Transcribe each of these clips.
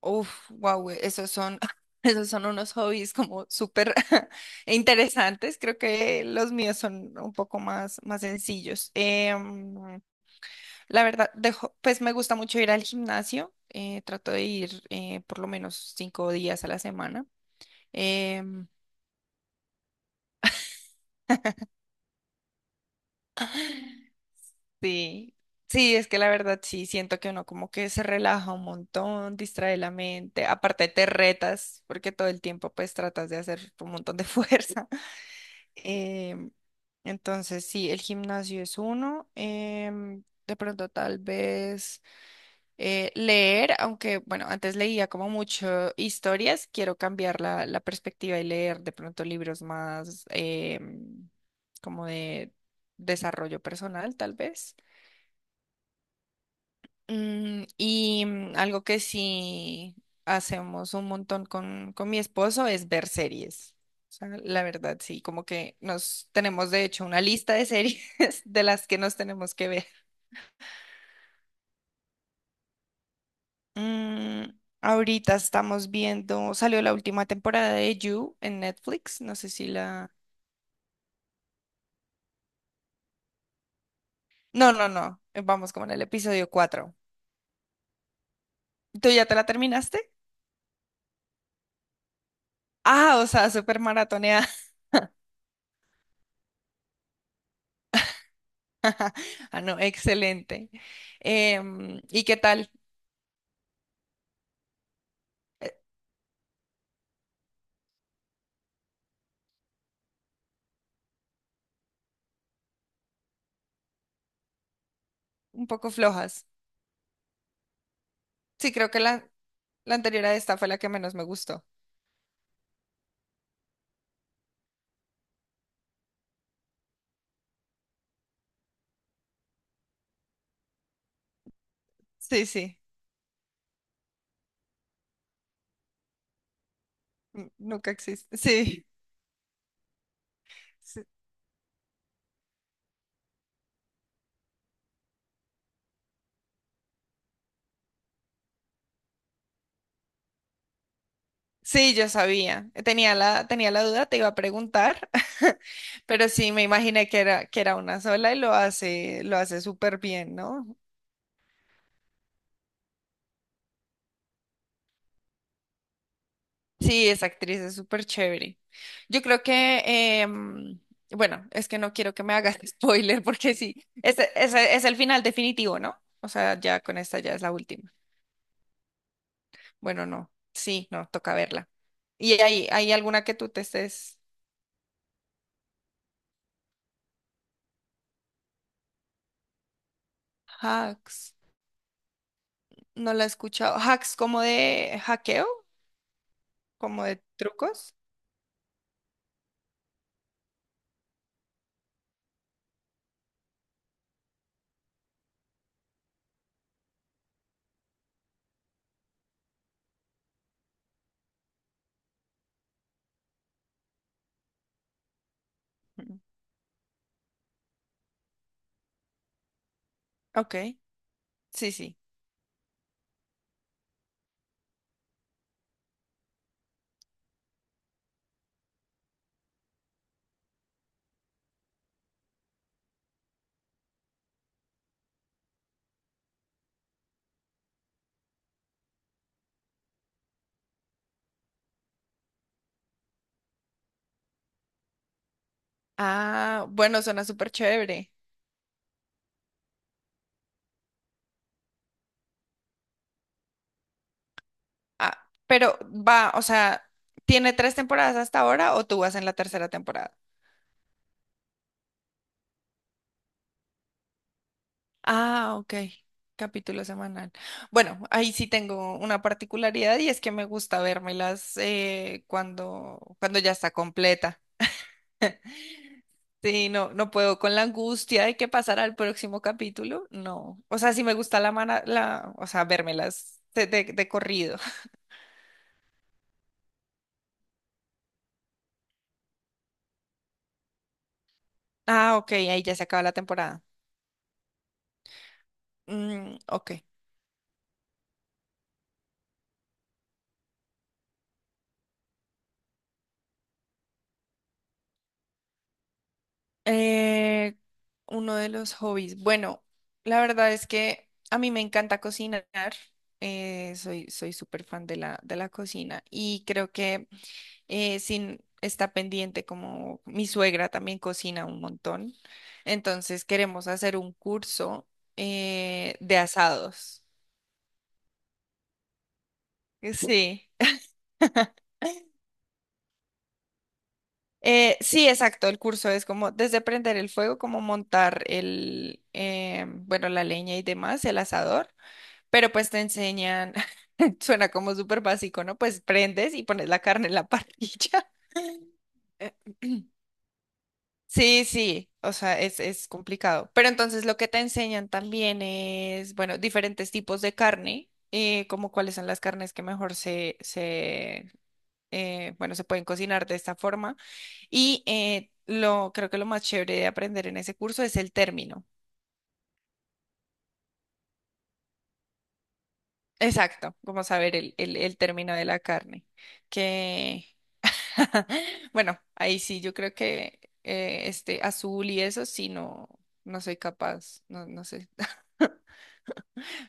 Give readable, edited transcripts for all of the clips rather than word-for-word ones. Uf, wow, esos son unos hobbies como súper interesantes. Creo que los míos son un poco más sencillos. La verdad, pues me gusta mucho ir al gimnasio. Trato de ir por lo menos 5 días a la semana. Em, sí, sí, es que la verdad sí, siento que uno como que se relaja un montón, distrae la mente. Aparte te retas porque todo el tiempo pues tratas de hacer un montón de fuerza. Em, entonces, sí, el gimnasio es uno. De pronto, tal vez leer, aunque, bueno, antes leía como mucho historias, quiero cambiar la perspectiva y leer de pronto libros más como de desarrollo personal, tal vez. Algo que sí hacemos un montón con, mi esposo es ver series. O sea, la verdad, sí, como que nos tenemos de hecho una lista de series de las que nos tenemos que ver. Ahorita estamos viendo, salió la última temporada de You en Netflix, no sé si la... No, no, no, vamos como en el episodio cuatro. ¿Tú ya te la terminaste? Ah, o sea, súper maratoneada. Ah, no, excelente. ¿Y qué tal? eh, un poco flojas. Sí, creo que la anterior a esta fue la que menos me gustó. Sí, sí, nunca existe. Sí, sí, sí, yo sabía. Tenía la duda, te iba a preguntar, pero sí, me imaginé que que era una sola y lo hace súper bien, ¿no? Sí, esa actriz es súper chévere. Yo creo que, em, bueno, es que no quiero que me hagas spoiler porque sí, ese es el final definitivo, ¿no? O sea, ya con esta ya es la última. Bueno, no. Sí, no, toca verla. ¿Y hay alguna que tú te estés? Hacks. No la he escuchado. ¿Hacks como de hackeo? ¿Como de trucos? Mm, ok. Sí, sí. Ah, bueno, suena súper chévere. Ah, pero va, o sea, ¿tiene tres temporadas hasta ahora o tú vas en la tercera temporada? Ah, ok. Capítulo semanal. Bueno, ahí sí tengo una particularidad y es que me gusta vérmelas cuando ya está completa. Sí, no, no puedo con la angustia de que pasará el próximo capítulo. No. O sea, sí me gusta la mana, la, o sea, vérmelas de corrido. Ah, ok, ahí ya se acaba la temporada. Mm, ok. Eh, uno de los hobbies. Bueno, la verdad es que a mí me encanta cocinar. Soy súper fan de de la cocina y creo que sin, está pendiente como mi suegra también cocina un montón. Entonces queremos hacer un curso de asados. Sí. Sí, exacto. El curso es como desde prender el fuego, como montar bueno, la leña y demás, el asador. Pero pues te enseñan, suena como súper básico, ¿no? Pues prendes y pones la carne en la parrilla. Sí, sí, o sea, es complicado. Pero entonces lo que te enseñan también es, bueno, diferentes tipos de carne, como cuáles son las carnes que mejor bueno, se pueden cocinar de esta forma. Y creo que lo más chévere de aprender en ese curso es el término. Exacto, como saber el término de la carne. Que, bueno, ahí sí, yo creo que este azul y eso sí no, no soy capaz, no, no sé.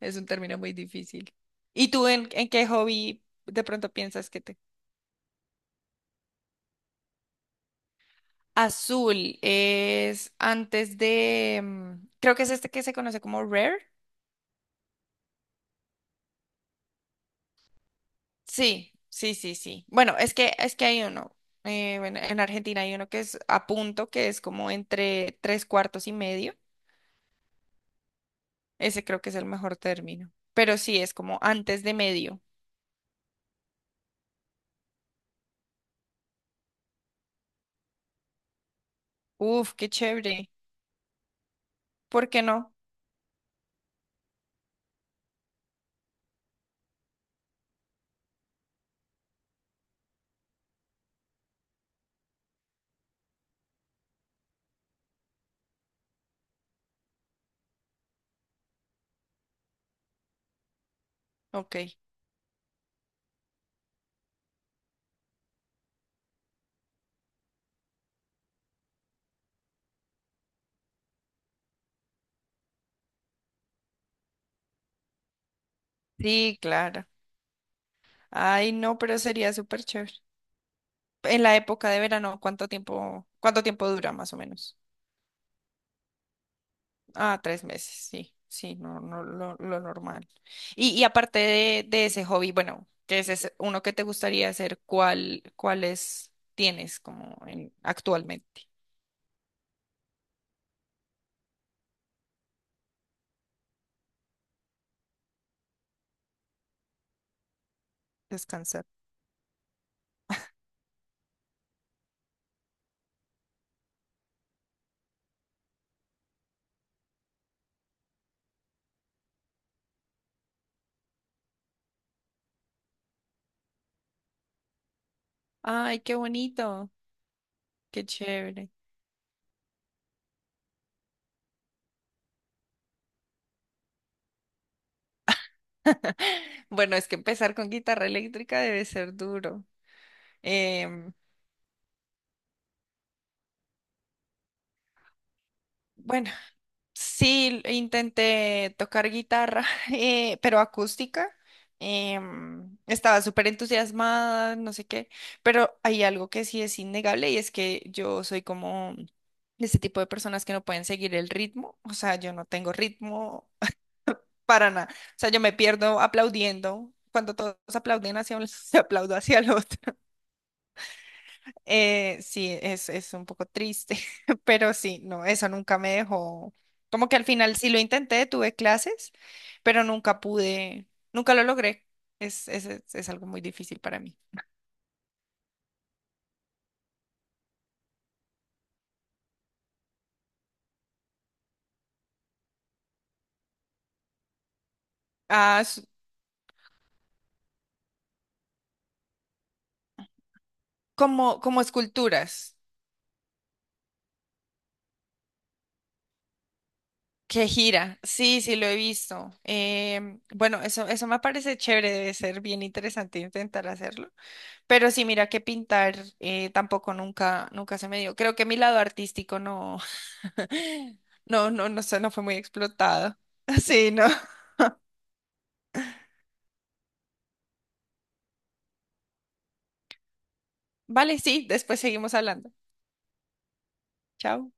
Es un término muy difícil. ¿Y tú en qué hobby de pronto piensas que te... Azul es antes de... Creo que es este que se conoce como Rare. Sí, sí, sí, sí. Bueno, es que hay uno. Bueno, en Argentina hay uno que es a punto, que es como entre tres cuartos y medio. Ese creo que es el mejor término. Pero sí, es como antes de medio. Uf, qué chévere. ¿Por qué no? Ok. Sí, claro. Ay, no, pero sería súper chévere. En la época de verano, cuánto tiempo dura más o menos? Ah, 3 meses, sí, sí, no, no, lo normal. Y aparte de ese hobby, bueno, que ese es uno que te gustaría hacer, ¿cuál, cuáles tienes como actualmente? Descansar. Ay, qué bonito, qué chévere. Bueno, es que empezar con guitarra eléctrica debe ser duro. Em, Bueno, Sí, intenté tocar guitarra, pero acústica. Estaba súper entusiasmada, no sé qué, pero hay algo que sí es innegable y es que yo soy como de ese tipo de personas que no pueden seguir el ritmo, o sea, yo no tengo ritmo para nada, o sea, yo me pierdo aplaudiendo, cuando todos aplauden hacia un lado, yo aplaudo hacia el otro. Sí, es un poco triste, pero sí, no, eso nunca me dejó. Como que al final sí lo intenté, tuve clases, pero nunca pude, nunca lo logré. Es algo muy difícil para mí. Ah, como esculturas, que gira. Sí, sí, lo he visto. Bueno, eso me parece chévere, debe ser bien interesante intentar hacerlo. Pero sí, mira que pintar tampoco nunca se me dio. Creo que mi lado artístico no. No, no, no sé, no fue muy explotado. Sí, no. Vale, sí, después seguimos hablando. Chao.